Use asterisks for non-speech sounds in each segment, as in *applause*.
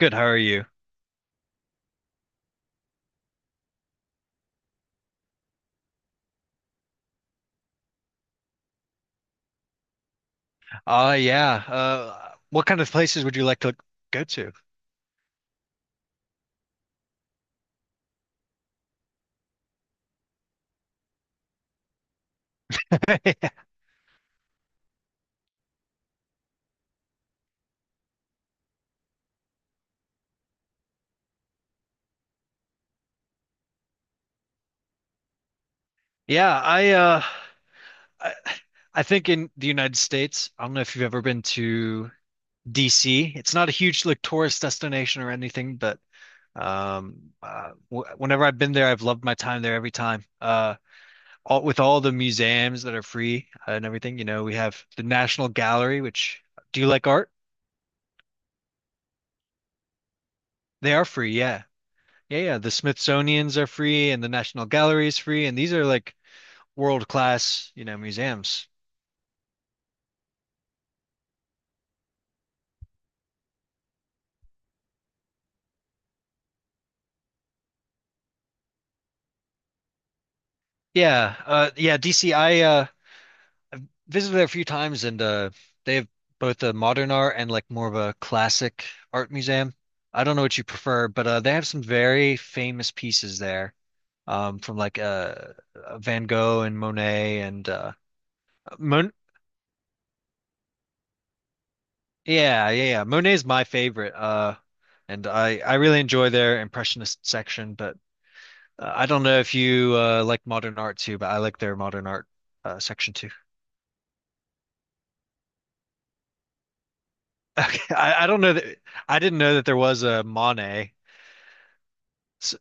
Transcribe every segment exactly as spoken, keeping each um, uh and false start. Good, how are you? Uh yeah. Uh what kind of places would you like to go to? *laughs* Yeah, I uh I, I think in the United States, I don't know if you've ever been to D C. It's not a huge like tourist destination or anything, but um uh, w whenever I've been there, I've loved my time there every time. Uh all with all the museums that are free and everything, you know, we have the National Gallery, which Do you like art? They are free, yeah. Yeah, yeah. The Smithsonian's are free and the National Gallery's free, and these are like world-class, you know, museums. Yeah, uh yeah, D C I, I uh I've visited there a few times and uh they have both a modern art and like more of a classic art museum. I don't know what you prefer, but uh they have some very famous pieces there. Um from like uh uh, Van Gogh and Monet and uh Mon yeah, yeah, yeah. Monet's my favorite. Uh and I I really enjoy their impressionist section, but Uh, I don't know if you uh, like modern art too, but I like their modern art uh, section too. *laughs* Okay, I, I don't know that I didn't know that there was a Monet. S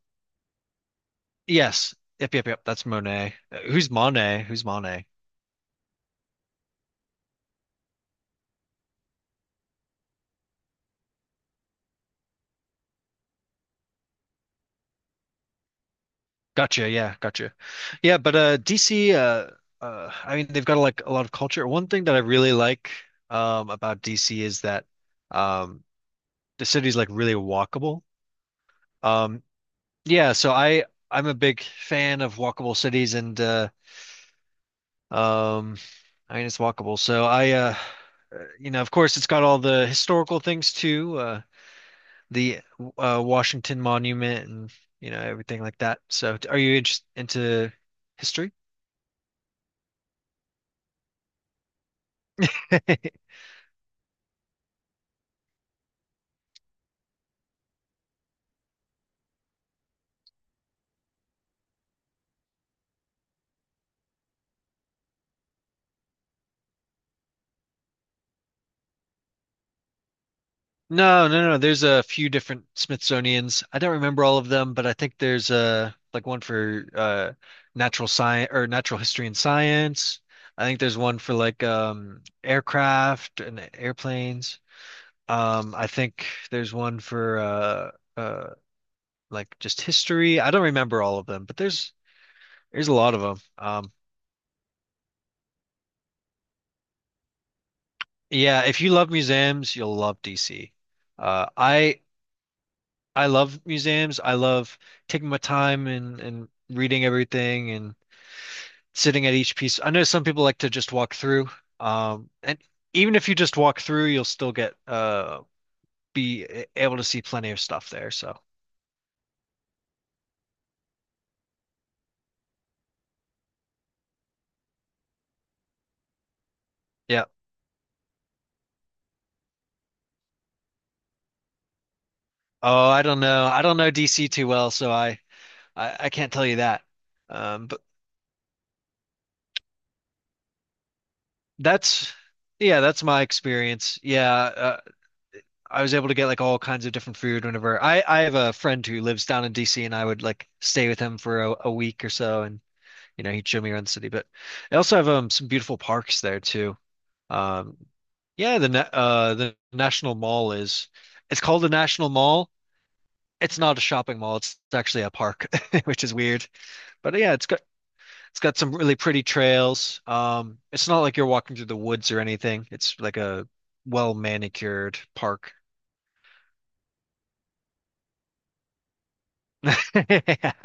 Yes, yep, yep, yep. That's Monet. Uh, who's Monet? Who's Monet? Gotcha. Yeah, gotcha. Yeah, but uh, D C. Uh, uh, I mean, they've got like a lot of culture. One thing that I really like um, about D C is that um, the city's like really walkable. Um, yeah, so I I'm a big fan of walkable cities and uh, Um, I mean, it's walkable. So I, uh, uh, you know, of course, it's got all the historical things too, uh, the uh, Washington Monument and you know everything like that. So, t- are you interested into history? *laughs* No, no, no. There's a few different Smithsonian's. I don't remember all of them, but I think there's uh like one for uh natural science or natural history and science. I think there's one for like um aircraft and airplanes. Um, I think there's one for uh uh like just history. I don't remember all of them, but there's there's a lot of them. Um, yeah, if you love museums, you'll love D C. Uh, I I love museums. I love taking my time and and reading everything and sitting at each piece. I know some people like to just walk through. Um, and even if you just walk through, you'll still get uh be eh, able to see plenty of stuff there. So yeah. Oh, I don't know. I don't know D C too well, so I. I, I can't tell you that. Um, but that's Yeah, that's my experience. Yeah, uh, I was able to get like all kinds of different food whenever I I have a friend who lives down in D C, and I would like stay with him for a, a week or so, and you know he'd show me around the city. But they also have um some beautiful parks there too. Um, yeah, the na- uh the National Mall is it's called the National Mall. It's not a shopping mall. It's actually a park, *laughs* which is weird. But yeah, it's It's got some really pretty trails. Um, it's not like you're walking through the woods or anything. It's like a well manicured park. *laughs* I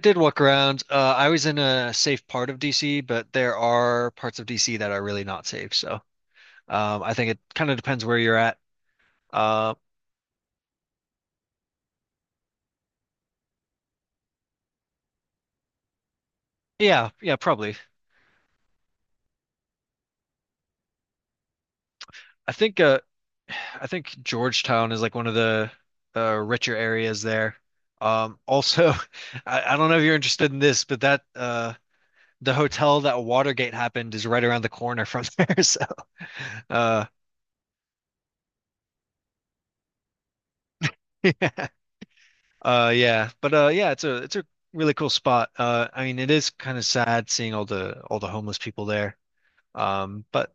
did walk around. Uh, I was in a safe part of D C, but there are parts of D C that are really not safe. So um, I think it kind of depends where you're at. Uh, yeah, yeah, probably. I think uh, I think Georgetown is like one of the uh, richer areas there. Um, also, *laughs* I, I don't know if you're interested in this, but that uh, the hotel that Watergate happened is right around the corner from there. *laughs* So, uh, *laughs* yeah, uh, yeah, but uh, yeah, it's a it's a really cool spot. Uh, I mean, it is kind of sad seeing all the all the homeless people there. Um, but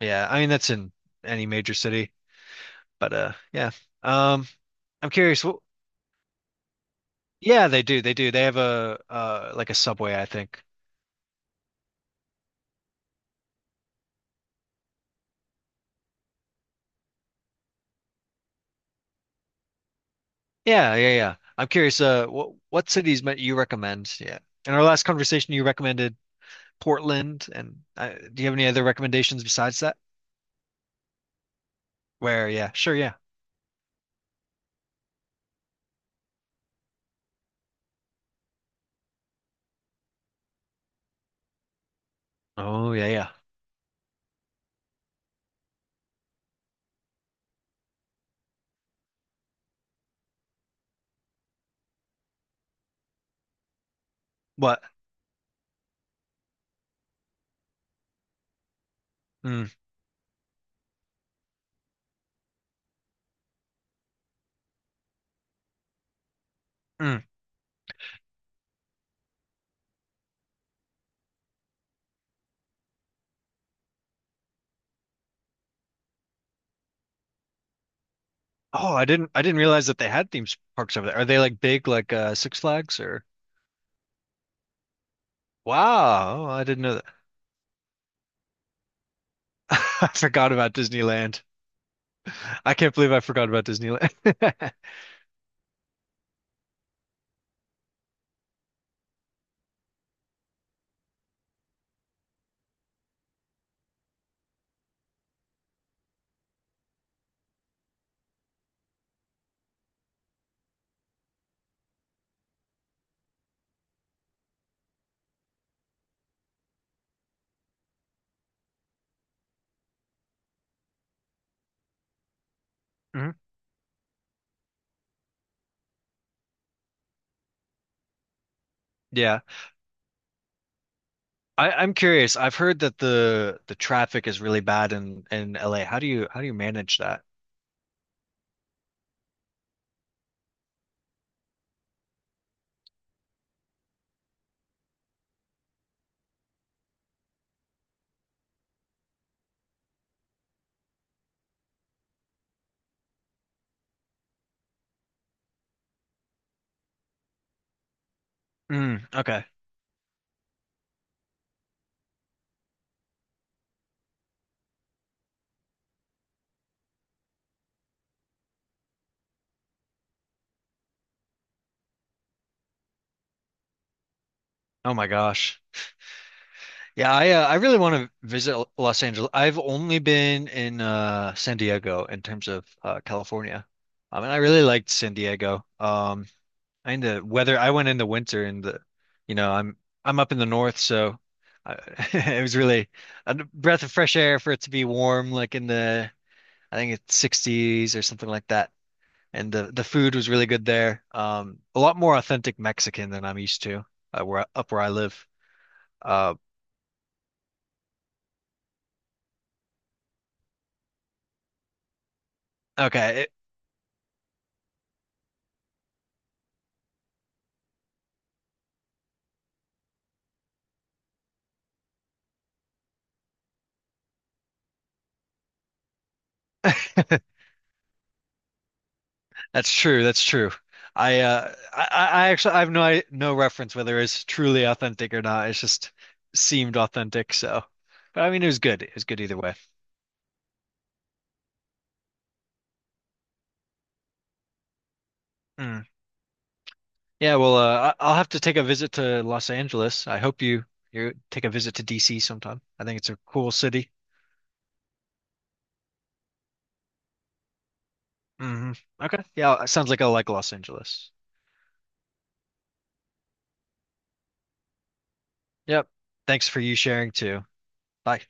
yeah, I mean that's in any major city. But uh, yeah, um, I'm curious. What, yeah, they do. They do. They have a uh like a subway, I think. Yeah, yeah, yeah. I'm curious. Uh, what what cities might you recommend? Yeah. In our last conversation, you recommended. Portland, and uh, do you have any other recommendations besides that? Where, yeah, sure, yeah. Oh, yeah, yeah. What? Mm, mm. Oh, I didn't, I didn't realize that they had theme parks over there. Are they like big, like uh, Six Flags or? Wow, oh, I didn't know that. *laughs* I forgot about Disneyland. I can't believe I forgot about Disneyland. *laughs* Mhm. Yeah, I, I'm curious. I've heard that the the traffic is really bad in in L A. How do you how do you manage that? Mm, okay. Oh my gosh. Yeah, I uh, I really want to visit L- Los Angeles. I've only been in uh San Diego in terms of uh California. I mean, I really liked San Diego. Um, and the weather, I went in the winter and the, you know, I'm I'm up in the north, so I, *laughs* it was really a breath of fresh air for it to be warm, like in the I think it's sixties or something like that. And the the food was really good there. Um, a lot more authentic Mexican than I'm used to, uh, where up where I live. Uh, okay. That's true. That's true. I uh I, I I actually I have no, I, no reference whether it's truly authentic or not. It's just seemed authentic. So, but I mean, it was good. It was good either way. Mm. Yeah. Well, uh, I- I'll have to take a visit to Los Angeles. I hope you you take a visit to D C sometime. I think it's a cool city. Hmm. Okay. Yeah. Sounds like I like Los Angeles. Yep. Thanks for you sharing too. Bye.